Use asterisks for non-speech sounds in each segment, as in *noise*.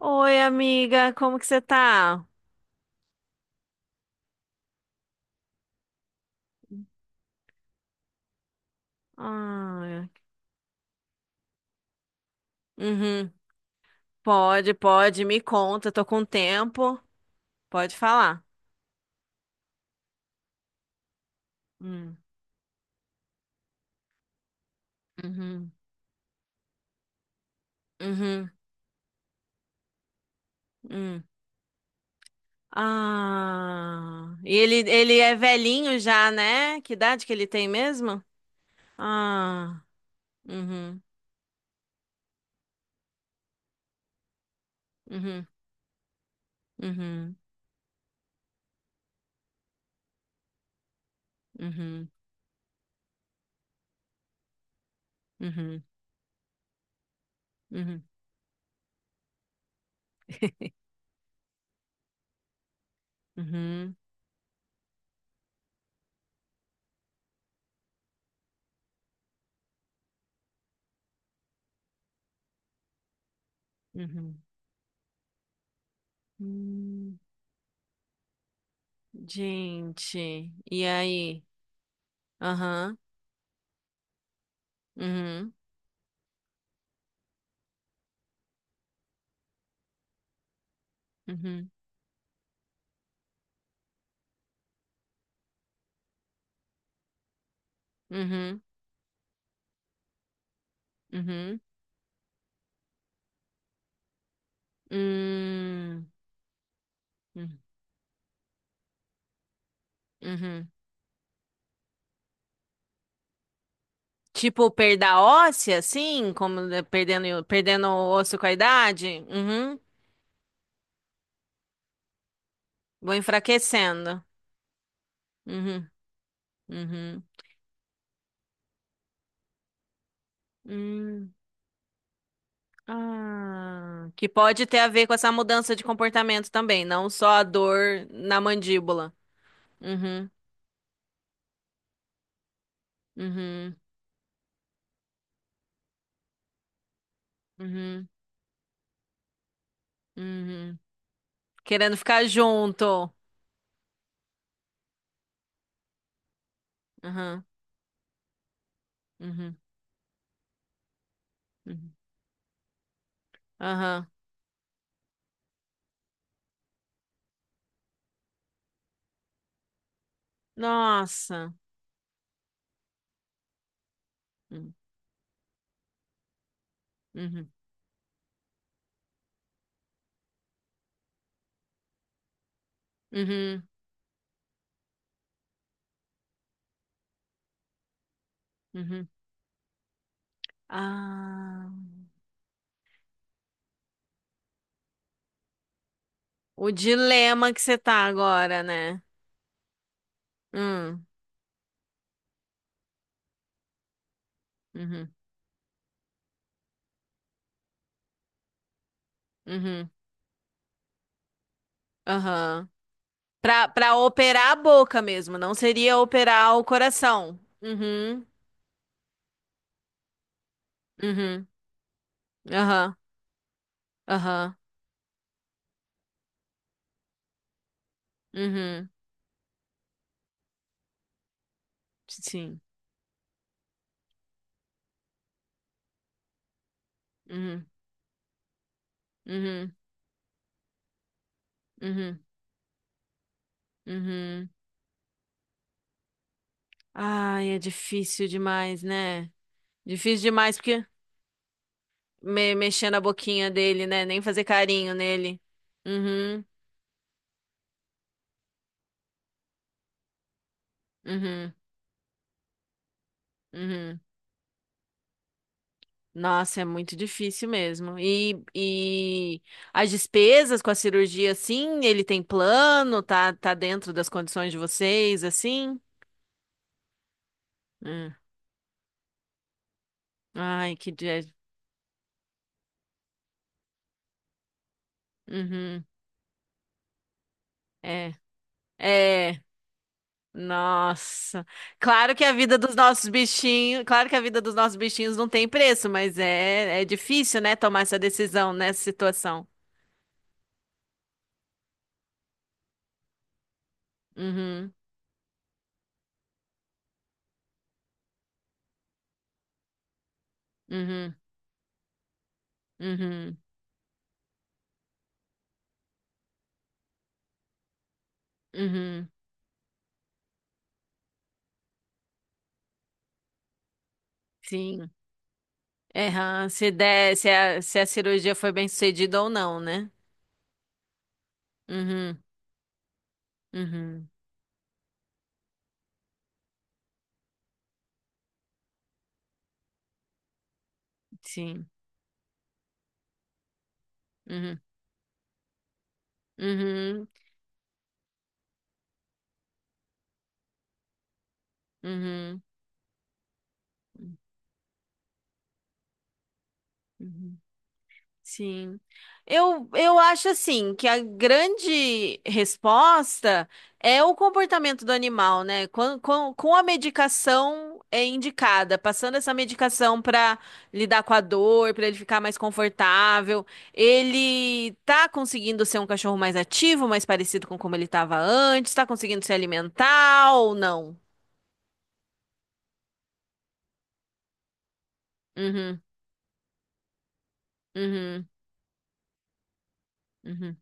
Oi, amiga, como que você tá? Ai, uhum, Pode, pode, me conta, eu tô com tempo. Pode falar. Hum, uhum, uhum, hum. Ah, e ele é velhinho já, né? Que idade que ele tem mesmo? Ah, uhum, uhum, uhum, uhum, uhum, uhum. *laughs* Uhum, uhum. Hum, gente, e aí? Aham, uhum, uhum, Uhum, uhum, hum, hum, uhum. Tipo, perda óssea, assim, como perdendo o osso com a idade? Uhum. Vou enfraquecendo. Uhum, uhum. Hum, Ah, que pode ter a ver com essa mudança de comportamento também, não só a dor na mandíbula. Uhum, uhum, uhum, uhum. Querendo ficar junto. Uhum, uhum, uhum. Aham. Nossa. Uhum. uhum. Uhum, uhum. Ah, o dilema que você tá agora, né? Hum, uhum, uhum, aham. Pra operar a boca mesmo, não seria operar o coração. Uhum, uhum, aham, aham, uhum, sim, uhum, uhum, uhum, uhum. Ai, é difícil demais, né? Difícil demais porque mexer na boquinha dele, né? Nem fazer carinho nele. Uhum, uhum, uhum. Nossa, é muito difícil mesmo. E as despesas com a cirurgia, sim, ele tem plano, tá dentro das condições de vocês, assim? Hum. Ai, que dia. Uhum. É, é. Nossa. Claro que a vida dos nossos bichinhos não tem preço, mas é difícil, né, tomar essa decisão nessa situação. Uhum, uhum, uhum, uhum. Sim. É, aham, se der, se a cirurgia foi bem sucedida ou não, né? Uhum, uhum, sim. Uhum, uhum, uhum, uhum. Sim. Eu acho assim que a grande resposta é o comportamento do animal, né? Com a medicação é indicada, passando essa medicação para lidar com a dor, para ele ficar mais confortável, ele tá conseguindo ser um cachorro mais ativo, mais parecido com como ele estava antes, tá conseguindo se alimentar ou não? Uhum, uhum, uhum,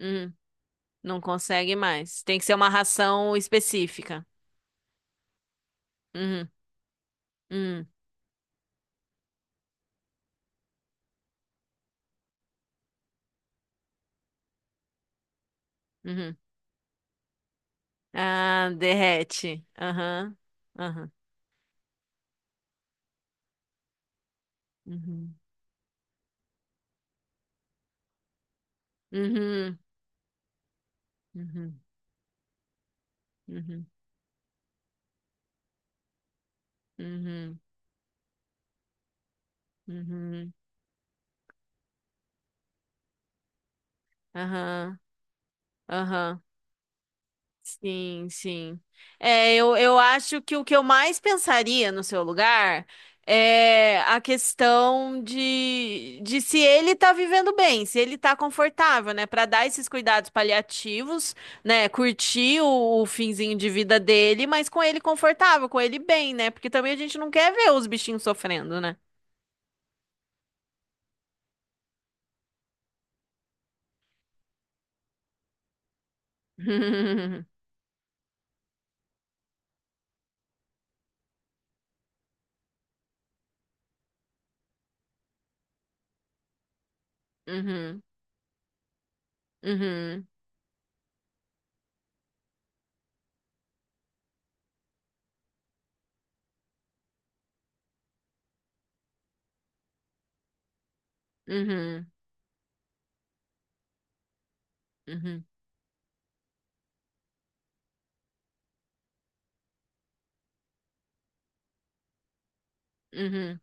uhum. Não consegue mais. Tem que ser uma ração específica. Uhum. Hum, uhum. Ah, derrete. Aham. Aham. Uhum. Uhum. Uhum. Uhum. Uhum. Uhum. Aham. Aham. Sim, sim. É, eu acho que o que eu mais pensaria no seu lugar é a questão de se ele tá vivendo bem, se ele tá confortável, né? Pra dar esses cuidados paliativos, né? Curtir o finzinho de vida dele, mas com ele confortável, com ele bem, né? Porque também a gente não quer ver os bichinhos sofrendo, né? *laughs* Uhum, uhum, uhum, uhum, uhum,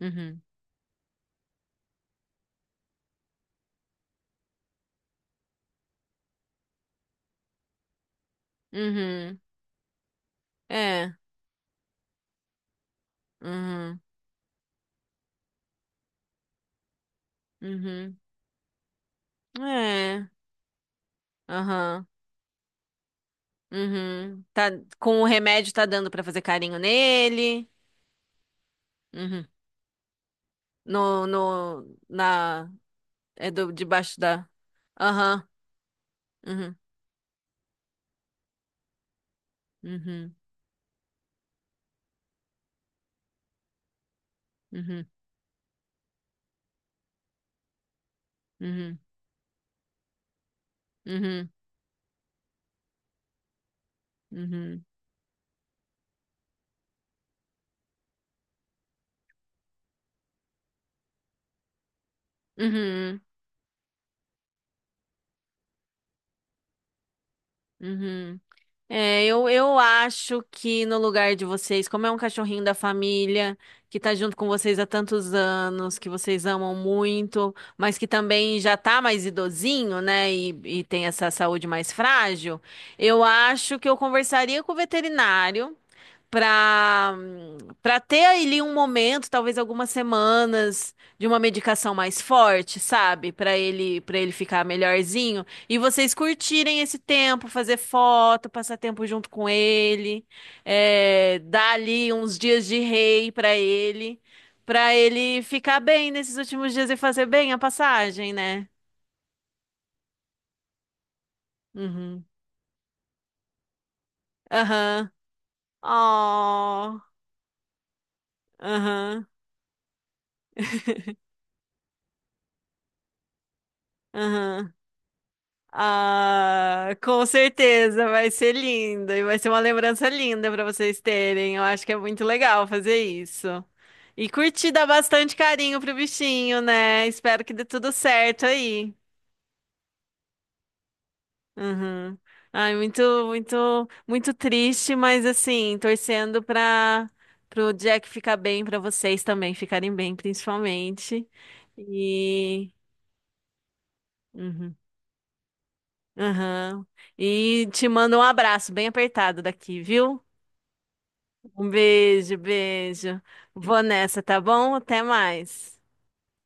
uhum, uhum, uhum. É. uhum. Uhum. É. Aham. Uhum. Tá, com o remédio tá dando pra fazer carinho nele. Uhum. No, no, na, é do, debaixo da. Aham. Uhum. Uhum. Uhum. Uhum. Uhum. Uhum. Uhum. Uhum. É, eu acho que no lugar de vocês, como é um cachorrinho da família, que tá junto com vocês há tantos anos, que vocês amam muito, mas que também já tá mais idosinho, né? E tem essa saúde mais frágil, eu acho que eu conversaria com o veterinário para para ter ali um momento, talvez algumas semanas de uma medicação mais forte, sabe? Para ele ficar melhorzinho e vocês curtirem esse tempo, fazer foto, passar tempo junto com ele, dar ali uns dias de rei para ele ficar bem nesses últimos dias e fazer bem a passagem, né? Uhum. Aham. Ó. Aham. Aham. Ah, com certeza vai ser lindo e vai ser uma lembrança linda para vocês terem. Eu acho que é muito legal fazer isso. E curtir dar bastante carinho pro bichinho, né? Espero que dê tudo certo aí. Uhum. Ai, muito, muito, muito triste, mas assim, torcendo para pro Jack ficar bem, para vocês também ficarem bem, principalmente. E Uhum. Aham. E te mando um abraço bem apertado daqui, viu? Um beijo, beijo. Vou nessa, tá bom? Até mais.